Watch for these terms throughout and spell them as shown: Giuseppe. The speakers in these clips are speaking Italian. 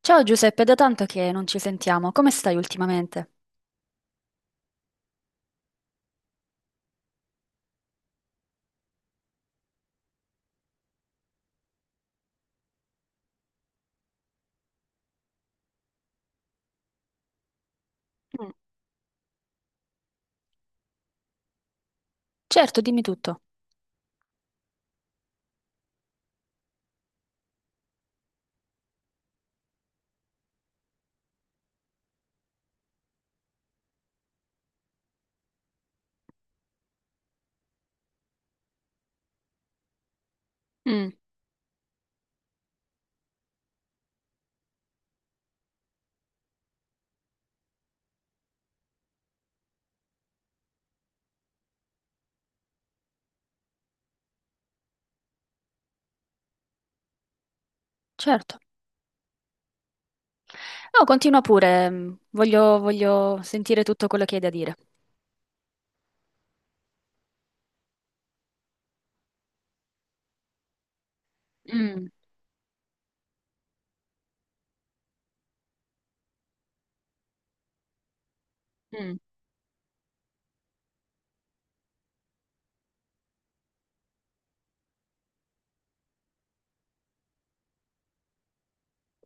Ciao Giuseppe, da tanto che non ci sentiamo, come stai ultimamente? Mm. Certo, dimmi tutto. Mm, certo. No, continua pure, voglio, voglio sentire tutto quello che hai da dire. Mm, mm.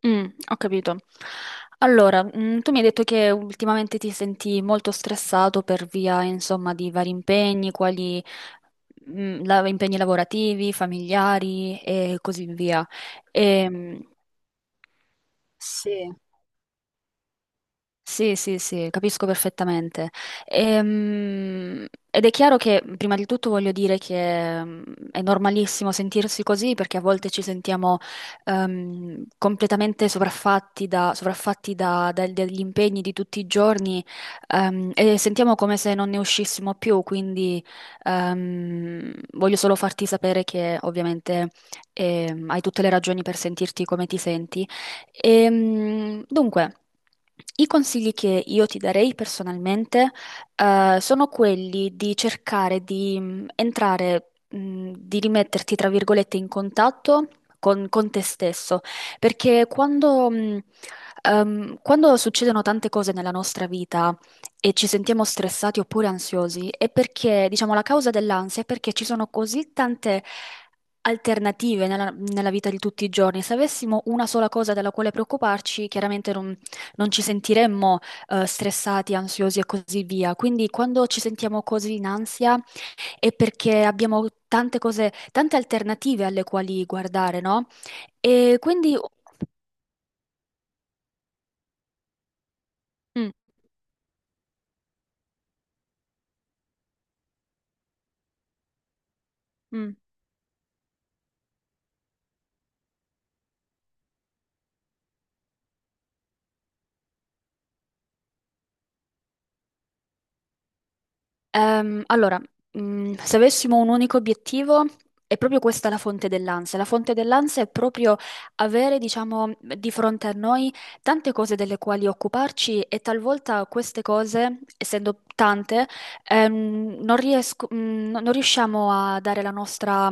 Mm, ho capito. Allora, tu mi hai detto che ultimamente ti senti molto stressato per via, insomma, di vari impegni, quali impegni lavorativi, familiari e così via. Ehm, sì. Sì, sì, sì, capisco perfettamente. Ed è chiaro che, prima di tutto, voglio dire che è normalissimo sentirsi così perché a volte ci sentiamo completamente sovraffatti dagli impegni di tutti i giorni, e sentiamo come se non ne uscissimo più. Quindi voglio solo farti sapere che ovviamente hai tutte le ragioni per sentirti come ti senti. Dunque, i consigli che io ti darei personalmente, sono quelli di cercare di entrare, di rimetterti, tra virgolette, in contatto con te stesso, perché quando succedono tante cose nella nostra vita, e ci sentiamo stressati oppure ansiosi è perché, diciamo, la causa dell'ansia è perché ci sono così tante alternative nella vita di tutti i giorni. Se avessimo una sola cosa della quale preoccuparci, chiaramente non ci sentiremmo stressati, ansiosi e così via. Quindi quando ci sentiamo così in ansia è perché abbiamo tante cose, tante alternative alle quali guardare, no? E quindi... mm, mm. Allora, se avessimo un unico obiettivo, è proprio questa la fonte dell'ansia. La fonte dell'ansia è proprio avere, diciamo, di fronte a noi tante cose delle quali occuparci e talvolta queste cose, essendo tante, non riesco- mm, no, non riusciamo a dare la nostra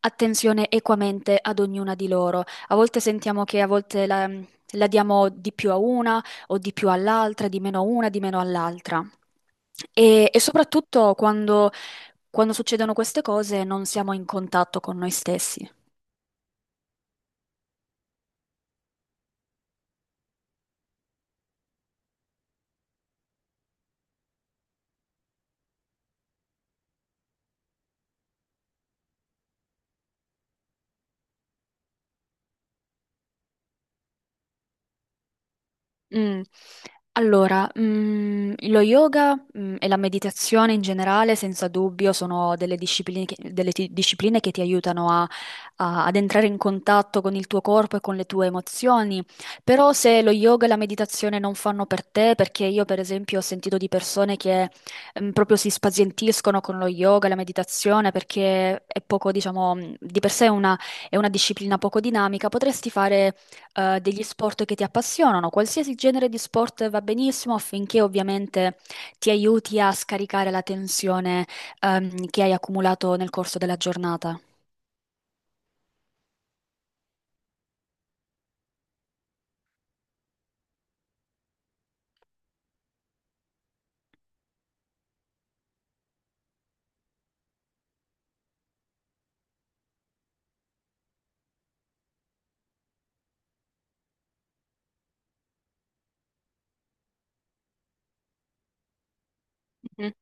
attenzione equamente ad ognuna di loro. A volte sentiamo che a volte la diamo di più a una o di più all'altra, di meno a una, di meno all'altra. E soprattutto quando succedono queste cose non siamo in contatto con noi stessi. Mm. Allora, lo yoga, e la meditazione in generale, senza dubbio, sono delle discipline che ti aiutano ad entrare in contatto con il tuo corpo e con le tue emozioni. Però se lo yoga e la meditazione non fanno per te, perché io per esempio ho sentito di persone che proprio si spazientiscono con lo yoga e la meditazione perché è poco, diciamo, di per sé è una disciplina poco dinamica, potresti fare degli sport che ti appassionano, qualsiasi genere di sport va benissimo affinché ovviamente ti aiuti a scaricare la tensione, che hai accumulato nel corso della giornata. Mhm,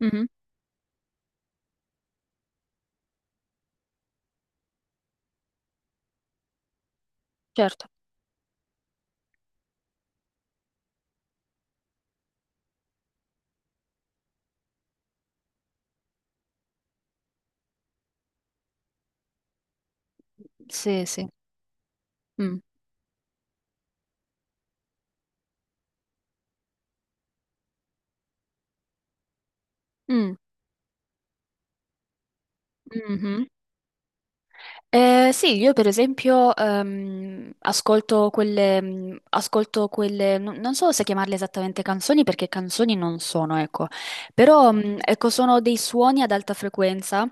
mhm. Certo, sì, sì. Mm. Mm, mhm. Sì, io per esempio ascolto quelle, non non so se chiamarle esattamente canzoni perché canzoni non sono, ecco, però ecco, sono dei suoni ad alta frequenza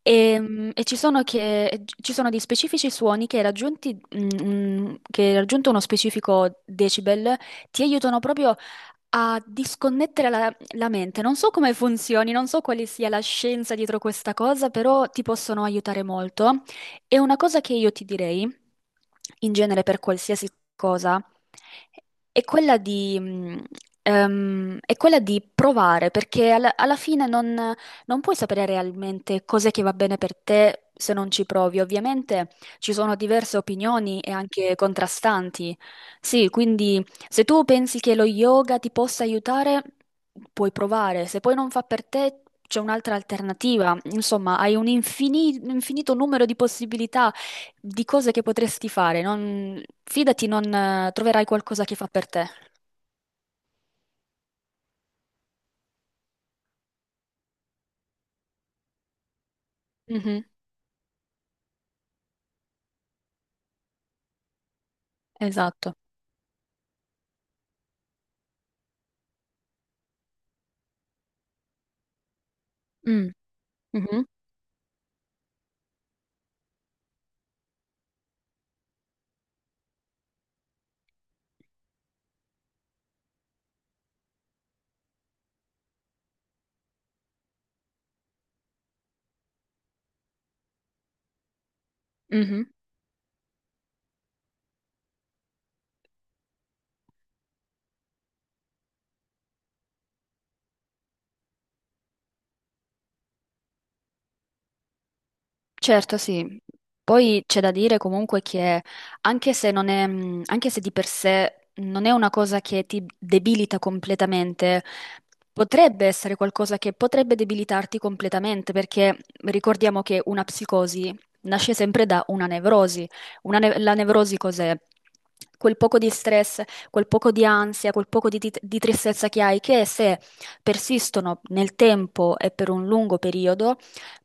e, ci sono dei specifici suoni che che raggiunto uno specifico decibel ti aiutano proprio a disconnettere la mente. Non so come funzioni, non so quale sia la scienza dietro questa cosa, però ti possono aiutare molto. E una cosa che io ti direi, in genere per qualsiasi cosa, è quella è quella di provare, perché alla fine non puoi sapere realmente cos'è che va bene per te se non ci provi. Ovviamente ci sono diverse opinioni e anche contrastanti. Sì, quindi se tu pensi che lo yoga ti possa aiutare, puoi provare. Se poi non fa per te, c'è un'altra alternativa. Insomma, hai un infinito numero di possibilità di cose che potresti fare. Fidati, non troverai qualcosa che fa per te. Mhm. Esatto. Mm, mhm, mhm. Certo, sì. Poi c'è da dire comunque che anche se non è, anche se di per sé non è una cosa che ti debilita completamente, potrebbe essere qualcosa che potrebbe debilitarti completamente, perché ricordiamo che una psicosi nasce sempre da una nevrosi. La nevrosi cos'è? Quel poco di stress, quel poco di ansia, quel poco di tristezza che hai, che se persistono nel tempo e per un lungo periodo,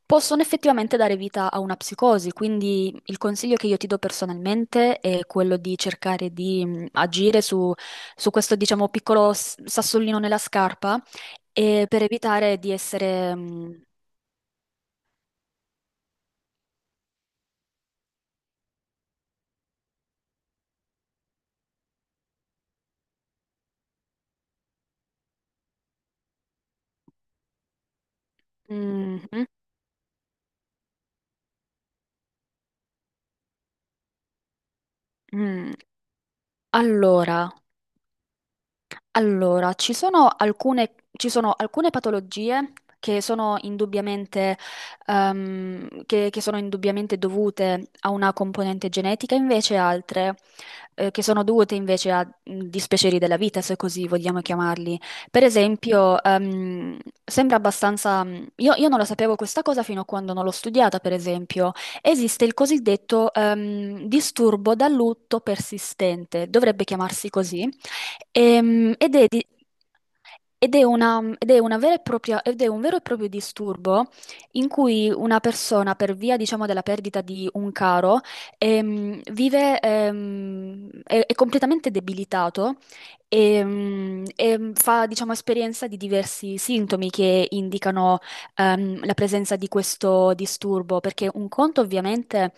possono effettivamente dare vita a una psicosi, quindi il consiglio che io ti do personalmente è quello di cercare di agire su questo, diciamo, piccolo sassolino nella scarpa e per evitare di essere... mh, mh, mh. Allora. Allora, ci sono alcune patologie che sono indubbiamente, che sono indubbiamente dovute a una componente genetica, invece altre, che sono dovute invece a dispiaceri della vita, se così vogliamo chiamarli. Per esempio, sembra abbastanza... mh. Io non lo sapevo questa cosa fino a quando non l'ho studiata, per esempio. Esiste il cosiddetto, disturbo da lutto persistente, dovrebbe chiamarsi così. Ehm, ed è, di- Ed è una vera e propria, ed è un vero e proprio disturbo in cui una persona, per via, diciamo, della perdita di un caro, vive, è completamente debilitato e, fa, diciamo, esperienza di diversi sintomi che indicano, la presenza di questo disturbo, perché un conto ovviamente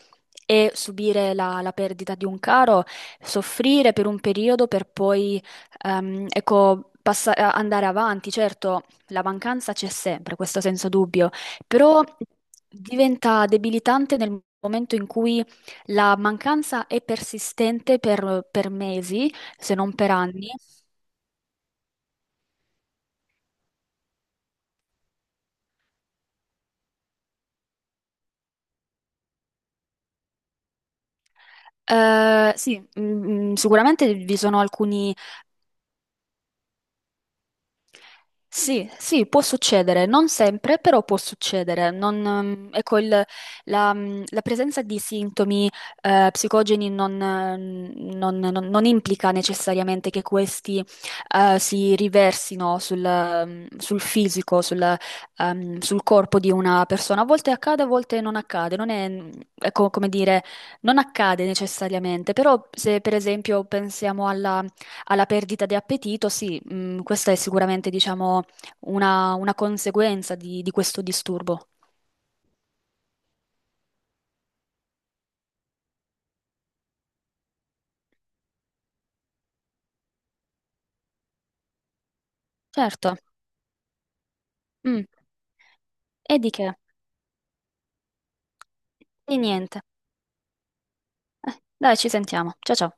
è subire la perdita di un caro, soffrire per un periodo per poi ecco, andare avanti, certo, la mancanza c'è sempre, questo senza dubbio, però diventa debilitante nel momento in cui la mancanza è persistente per mesi, se non per anni. Sì, sicuramente vi sono alcuni. Sì, sì, può succedere, non sempre, però può succedere. Non, ecco, la presenza di sintomi psicogeni non implica necessariamente che questi si riversino sul fisico, sul corpo di una persona. A volte accade, a volte non accade. Non è, mm, ecco, come dire, non accade necessariamente, però se per esempio pensiamo alla alla perdita di appetito, sì, questa è sicuramente, diciamo, una conseguenza di questo disturbo. Certo. Mm. E di che? Di niente. Dai, ci sentiamo. Ciao ciao.